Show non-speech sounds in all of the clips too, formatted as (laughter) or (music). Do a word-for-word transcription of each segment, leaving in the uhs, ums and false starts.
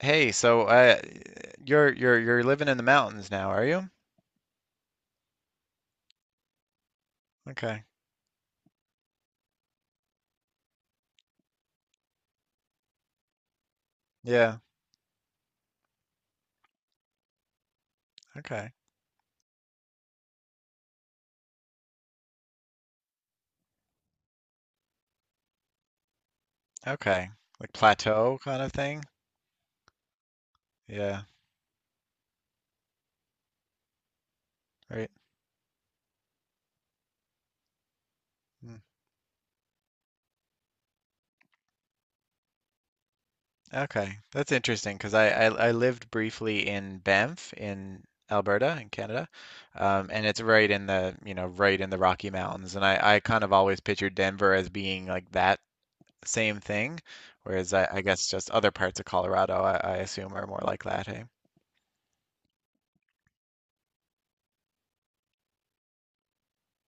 Hey, so uh, you're you're you're living in the mountains now, are you? Okay. Yeah. Okay. Okay. Like plateau kind of thing. Yeah. Right. Mm. Okay. That's interesting because I, I I lived briefly in Banff in Alberta in Canada, um, and it's right in the you know right in the Rocky Mountains, and I I kind of always pictured Denver as being like that same thing, whereas I, I guess just other parts of Colorado I, I assume are more like that. Hey.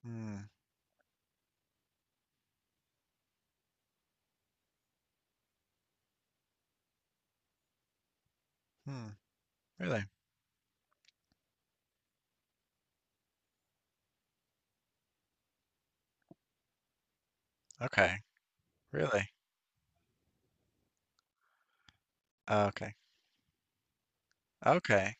Hmm. Hmm. Really? Okay. Really? Oh, okay. Okay.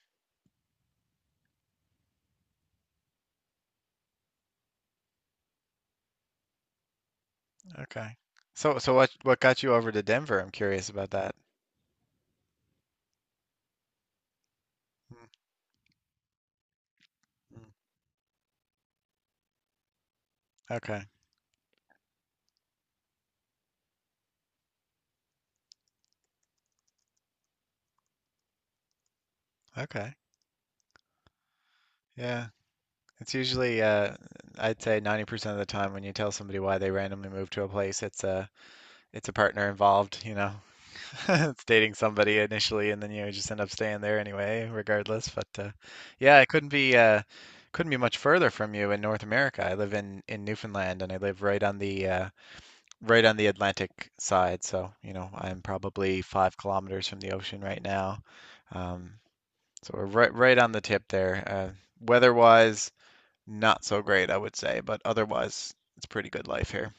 Okay. So, so what what got you over to Denver? I'm curious about that. Mm, mm. Okay. Okay. Yeah. It's usually uh I'd say ninety percent of the time when you tell somebody why they randomly move to a place, it's a it's a partner involved, you know. (laughs) It's dating somebody initially, and then you just end up staying there anyway, regardless. But uh yeah, I couldn't be uh couldn't be much further from you in North America. I live in in Newfoundland, and I live right on the uh right on the Atlantic side, so you know I'm probably five kilometers from the ocean right now. Um, so we're right right on the tip there. Uh, weather-wise, not so great, I would say, but otherwise, it's pretty good life here.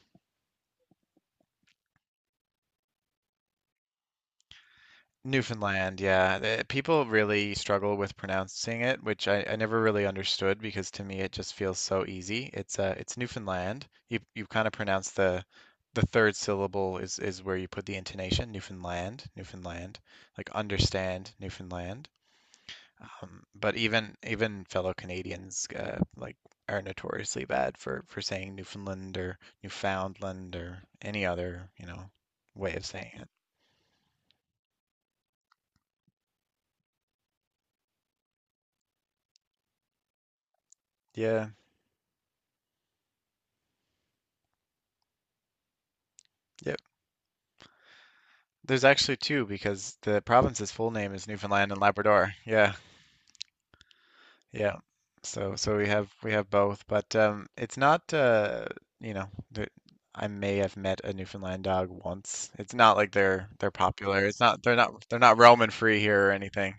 Newfoundland, yeah. The- people really struggle with pronouncing it, which I, I never really understood because to me it just feels so easy. It's uh it's Newfoundland. You you kind of pronounce the the third syllable is is where you put the intonation, Newfoundland, Newfoundland, like understand Newfoundland. Um, but even even fellow Canadians uh, like are notoriously bad for for saying Newfoundland or Newfoundland or any other, you know, way of saying it. Yeah. Yep. There's actually two because the province's full name is Newfoundland and Labrador. Yeah, yeah. So so we have we have both, but um, it's not uh, you know, the, I may have met a Newfoundland dog once. It's not like they're they're popular. It's not they're not they're not roaming free here or anything.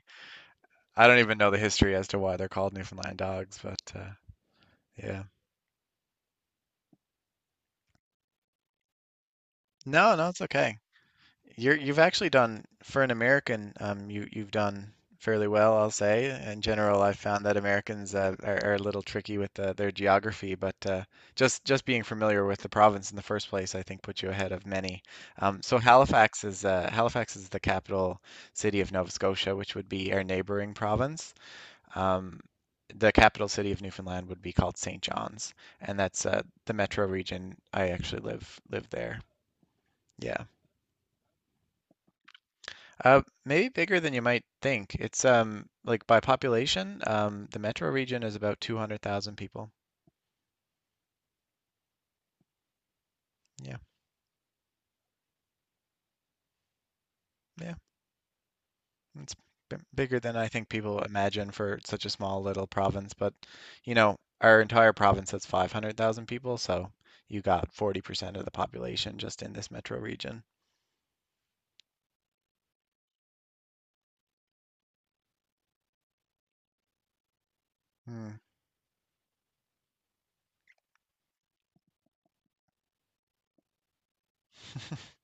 I don't even know the history as to why they're called Newfoundland dogs, but uh, yeah. No, no, it's okay. You're you've actually done, for an American, um, you you've done fairly well, I'll say. In general, I've found that Americans uh, are, are a little tricky with uh, their geography, but uh, just just being familiar with the province in the first place, I think puts you ahead of many. Um, so Halifax is uh, Halifax is the capital city of Nova Scotia, which would be our neighboring province. Um, the capital city of Newfoundland would be called Saint John's, and that's uh, the metro region. I actually live live there. Yeah. Uh, maybe bigger than you might think. It's um like by population, um the metro region is about two hundred thousand people. Yeah. Yeah. It's b bigger than I think people imagine for such a small little province, but you know, our entire province has five hundred thousand people, so you got forty percent of the population just in this metro region. Hmm. (laughs)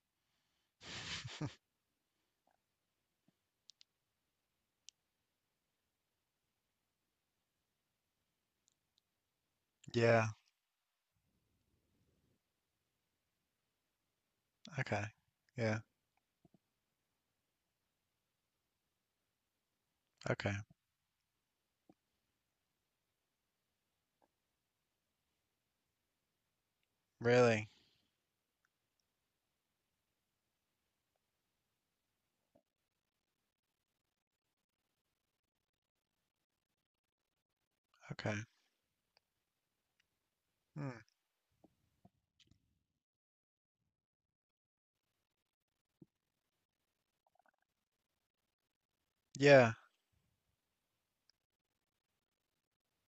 Yeah. Okay. Yeah. Okay. Really? Okay. Hmm. Yeah.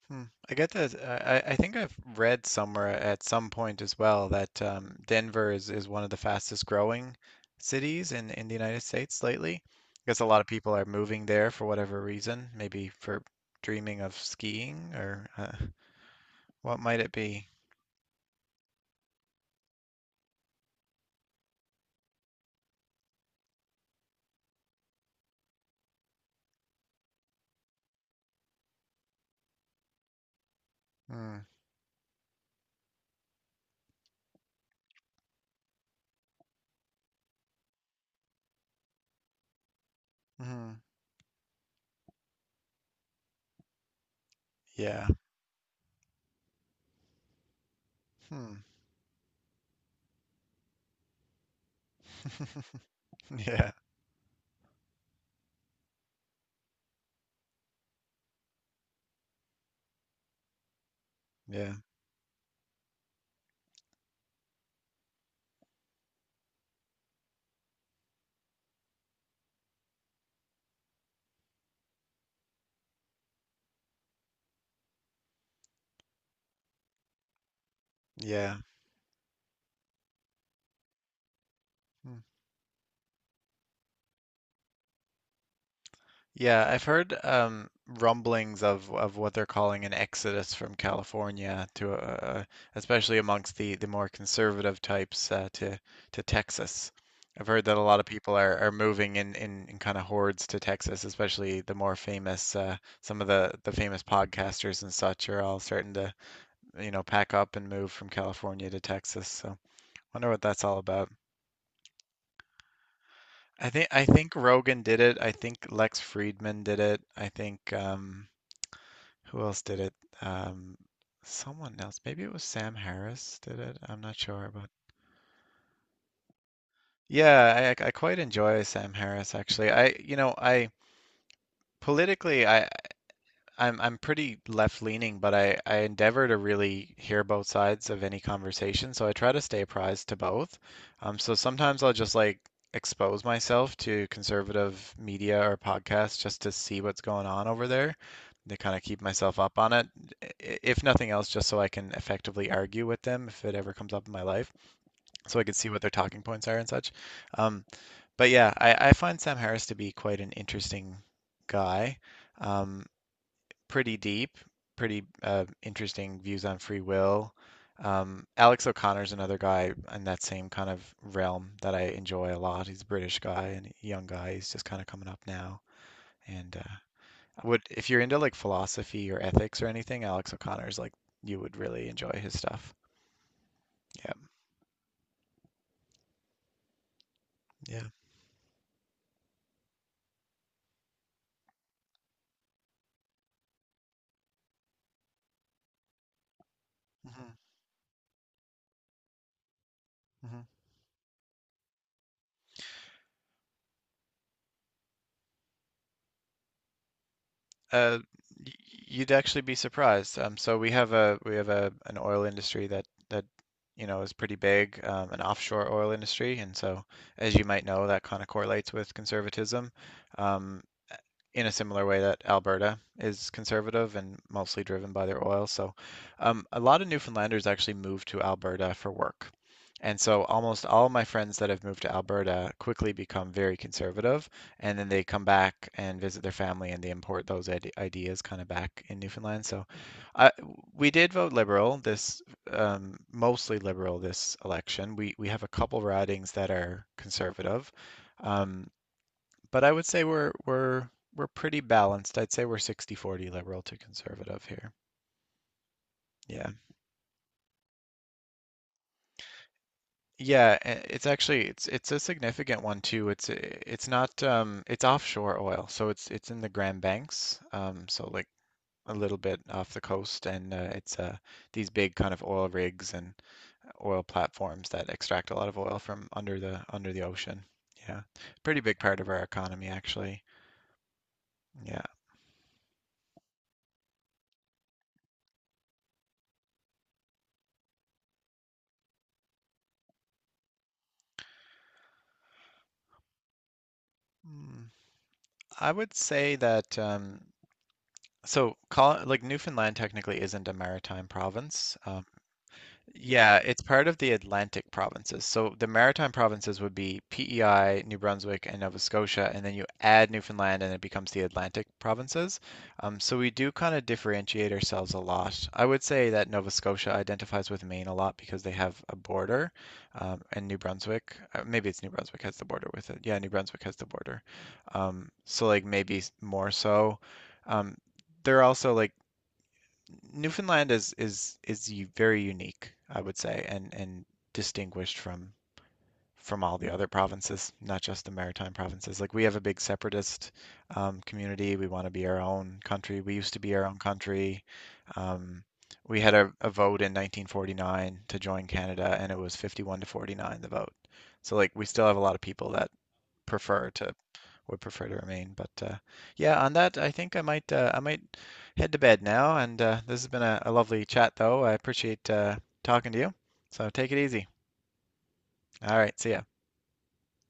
Hmm. I get that. I, I I think I've read somewhere at some point as well that um, Denver is, is one of the fastest growing cities in, in the United States lately. I guess a lot of people are moving there for whatever reason, maybe for dreaming of skiing, or uh, what might it be? Hmm. Hmm. Yeah. Hmm. (laughs) Yeah. Yeah. Yeah. Yeah, I've heard um, rumblings of, of what they're calling an exodus from California to, uh, especially amongst the, the more conservative types uh, to to Texas. I've heard that a lot of people are, are moving in, in, in kind of hordes to Texas, especially the more famous, uh, some of the, the famous podcasters and such are all starting to, you know, pack up and move from California to Texas. So, wonder what that's all about. I think I think Rogan did it. I think Lex Friedman did it. I think um, who else did it? Um, Someone else. Maybe it was Sam Harris did it. I'm not sure, but yeah, I I quite enjoy Sam Harris actually. I you know I politically I I'm I'm pretty left leaning, but I I endeavor to really hear both sides of any conversation, so I try to stay apprised to both. Um, so sometimes I'll just like expose myself to conservative media or podcasts just to see what's going on over there, to kind of keep myself up on it. i- If nothing else, just so I can effectively argue with them if it ever comes up in my life, so I can see what their talking points are and such. Um, but yeah, I I find Sam Harris to be quite an interesting guy. Um, pretty deep, pretty uh, interesting views on free will. Um, Alex O'Connor's another guy in that same kind of realm that I enjoy a lot. He's a British guy and a young guy. He's just kind of coming up now. And uh, would if you're into like philosophy or ethics or anything, Alex O'Connor's like you would really enjoy his stuff. Yeah, yeah. Hmm. Hmm. Uh, y- You'd actually be surprised. Um, so we have a we have a an oil industry that that you know is pretty big, um, an offshore oil industry, and so as you might know, that kind of correlates with conservatism. Um, in a similar way that Alberta is conservative and mostly driven by their oil. So, um, a lot of Newfoundlanders actually moved to Alberta for work. And so almost all my friends that have moved to Alberta quickly become very conservative, and then they come back and visit their family and they import those ideas kind of back in Newfoundland. So I, we did vote Liberal this um, mostly Liberal this election. We we have a couple ridings that are conservative. Um, but I would say we're we're we're pretty balanced. I'd say we're sixty forty liberal to conservative here. Yeah. Yeah, a- it's actually it's it's a significant one too. It's it's not um it's offshore oil. So it's it's in the Grand Banks. Um, so like a little bit off the coast, and uh, it's uh these big kind of oil rigs and oil platforms that extract a lot of oil from under the under the ocean. Yeah. Pretty big part of our economy actually. Yeah. Hmm. I would say that um, so call like Newfoundland technically isn't a maritime province, um, yeah, it's part of the Atlantic provinces. So the Maritime provinces would be P E I, New Brunswick, and Nova Scotia, and then you add Newfoundland and it becomes the Atlantic provinces. Um, so we do kind of differentiate ourselves a lot. I would say that Nova Scotia identifies with Maine a lot because they have a border, um, and New Brunswick, uh, maybe it's New Brunswick has the border with it. Yeah, New Brunswick has the border. Um, so like maybe s- more so. Um, they're also like Newfoundland is is is u- very unique, I would say, and and distinguished from from all the other provinces, not just the maritime provinces. Like we have a big separatist um, community. We want to be our own country. We used to be our own country. Um, we had a, a vote in nineteen forty-nine to join Canada, and it was fifty-one to forty-nine the vote. So like we still have a lot of people that prefer to would prefer to remain. But uh, yeah, on that, I think I might uh, I might head to bed now. And uh, this has been a, a lovely chat, though. I appreciate uh, talking to you. So take it easy. All right, see ya.